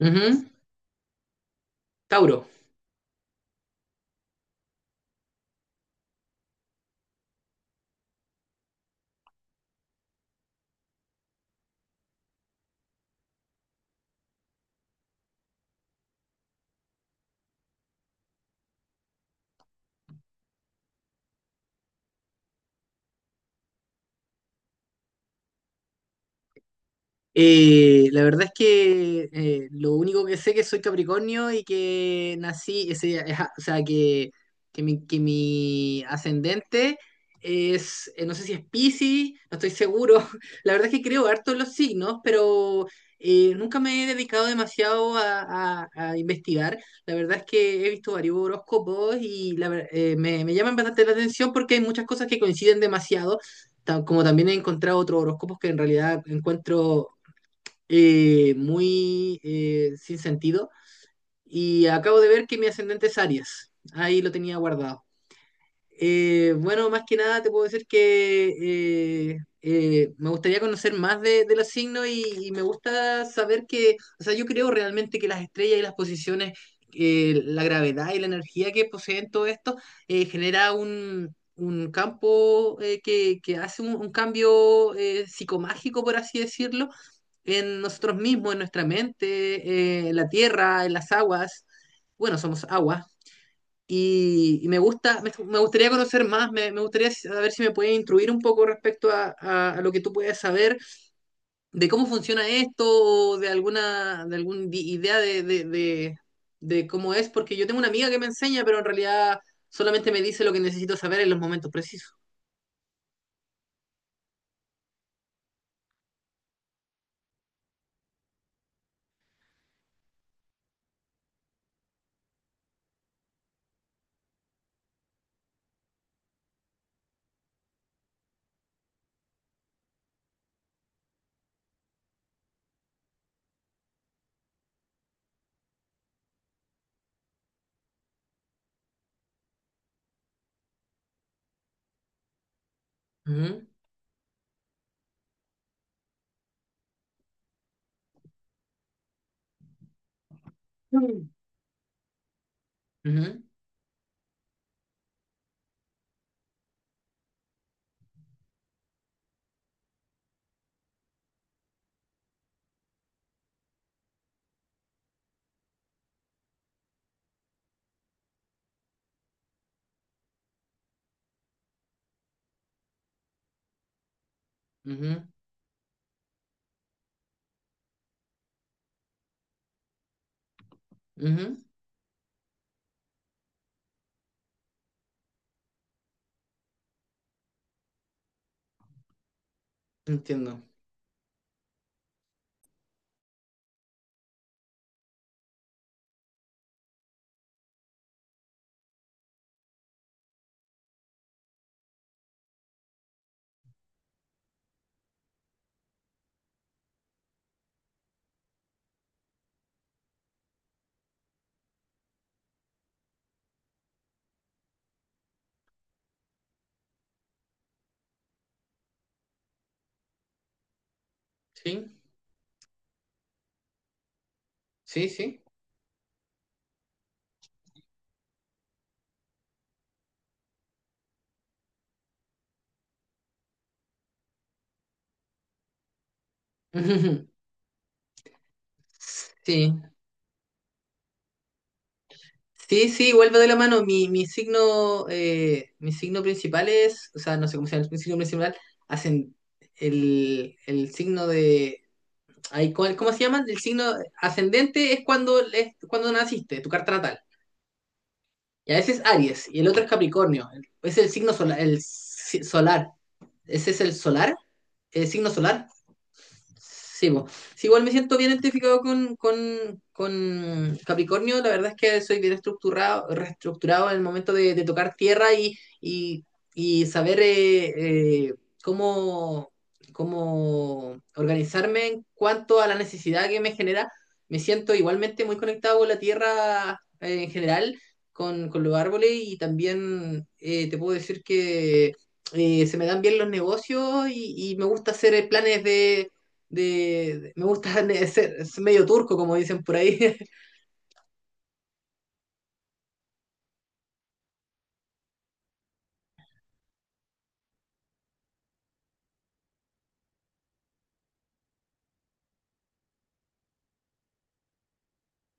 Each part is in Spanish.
Ujú, Tauro. La verdad es que lo único que sé es que soy Capricornio y que nací, ese, ajá, o sea, que mi ascendente es, no sé si es Piscis, no estoy seguro. La verdad es que creo harto en los signos, pero nunca me he dedicado demasiado a, a investigar. La verdad es que he visto varios horóscopos y la me llaman bastante la atención porque hay muchas cosas que coinciden demasiado. Como también he encontrado otros horóscopos que en realidad encuentro muy sin sentido. Y acabo de ver que mi ascendente es Aries. Ahí lo tenía guardado. Bueno, más que nada te puedo decir que me gustaría conocer más de los signos y me gusta saber que, o sea, yo creo realmente que las estrellas y las posiciones, la gravedad y la energía que poseen todo esto, genera un campo que hace un cambio psicomágico, por así decirlo, en nosotros mismos, en nuestra mente, en la tierra, en las aguas. Bueno, somos agua. Y me gusta, me gustaría conocer más, me gustaría saber si me puedes instruir un poco respecto a, a lo que tú puedes saber de cómo funciona esto o de alguna idea de cómo es, porque yo tengo una amiga que me enseña, pero en realidad solamente me dice lo que necesito saber en los momentos precisos. Ujú. Mm. Ujú, ujú, Ujú. Entiendo. Sí, sí, sí. Sí. Sí, sí, vuelve de la mano. Mi signo principal es, o sea, no sé cómo se llama el signo principal, hacen el signo de, ay, ¿cómo se llama? El signo ascendente es cuando naciste, tu carta natal. Y a veces es Aries, y el otro es Capricornio. Es el signo solar, el solar. Ese es el solar, el signo solar. Sí, bo. Sí, igual me siento bien identificado con, con Capricornio. La verdad es que soy bien estructurado, reestructurado en el momento de tocar tierra y, y saber cómo, cómo organizarme en cuanto a la necesidad que me genera. Me siento igualmente muy conectado con la tierra en general, con los árboles y también te puedo decir que se me dan bien los negocios y me gusta hacer planes me gusta ser es medio turco, como dicen por ahí.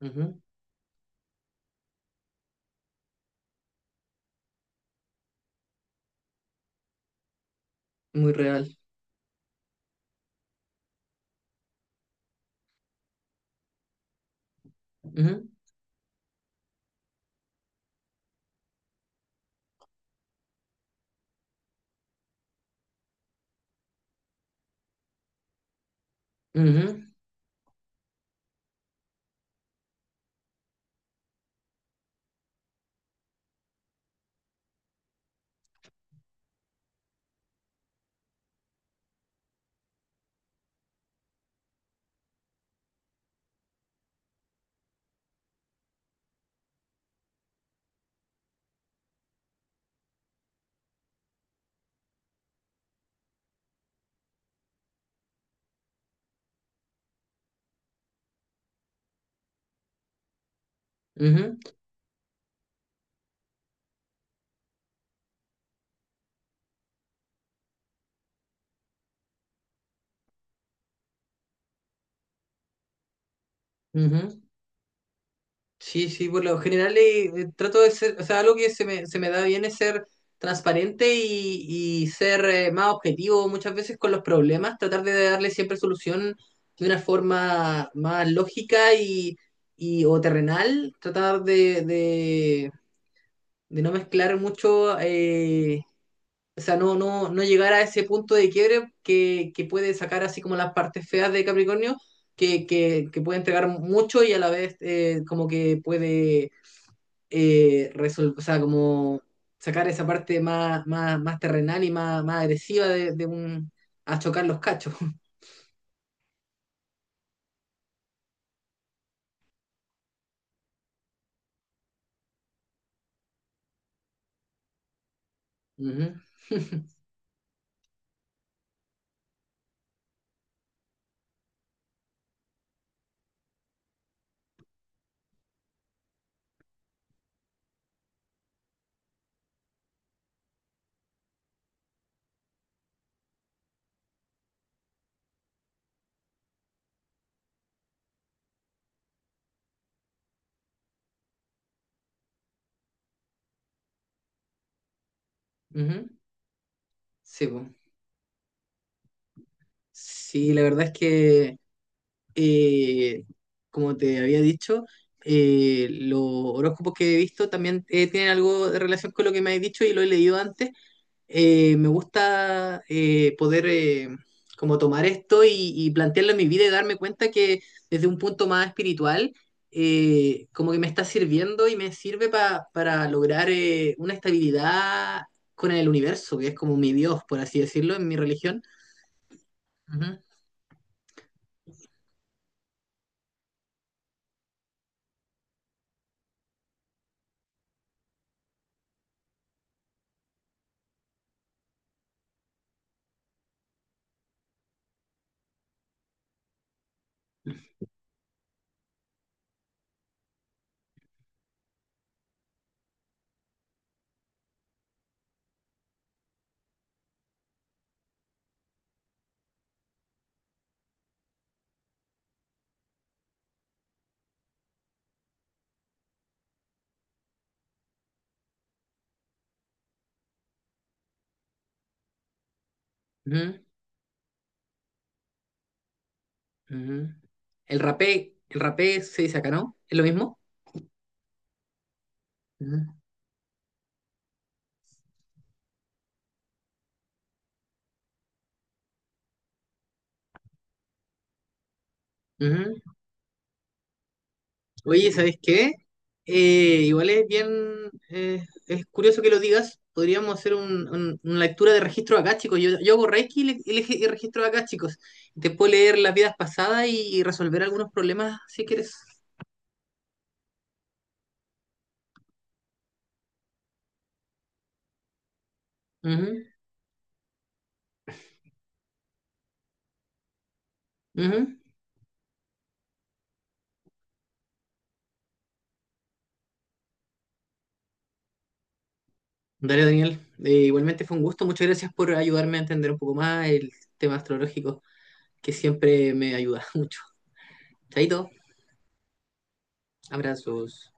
Ujú. Muy real. Ujú, ujú, ujú, Ujú. Sí, sí, por lo general trato de ser, o sea, algo que se se me da bien es ser transparente y ser más objetivo muchas veces con los problemas, tratar de darle siempre solución de una forma más lógica y, o terrenal, tratar de no mezclar mucho. O sea, no, no, no llegar a ese punto de quiebre que puede sacar así como las partes feas de Capricornio, que puede entregar mucho y a la vez como que puede resolver, o sea, como sacar esa parte más, más terrenal y más, más agresiva de un, a chocar los cachos. Ujú. Ujú. Sí, po. Sí, la verdad es que eh, como te había dicho, los horóscopos que he visto también tienen algo de relación con lo que me has dicho y lo he leído antes. Me gusta poder como tomar esto y plantearlo en mi vida y darme cuenta que desde un punto más espiritual, como que me está sirviendo y me sirve para lograr una estabilidad con el universo, que es como mi Dios, por así decirlo, en mi religión. Ujú, ujú. Ujú. El rapé se dice acá, ¿no? ¿Es lo mismo? Ujú, ujú. Oye, ¿sabes qué? Igual es bien, es curioso que lo digas. Podríamos hacer una lectura de registro acá, chicos. Yo hago Reiki y, y registro acá, chicos. Te puedo leer las vidas pasadas y resolver algunos problemas si quieres. Ujú, ujú. Dale, Daniel. Igualmente fue un gusto. Muchas gracias por ayudarme a entender un poco más el tema astrológico, que siempre me ayuda mucho. Chaito. Abrazos.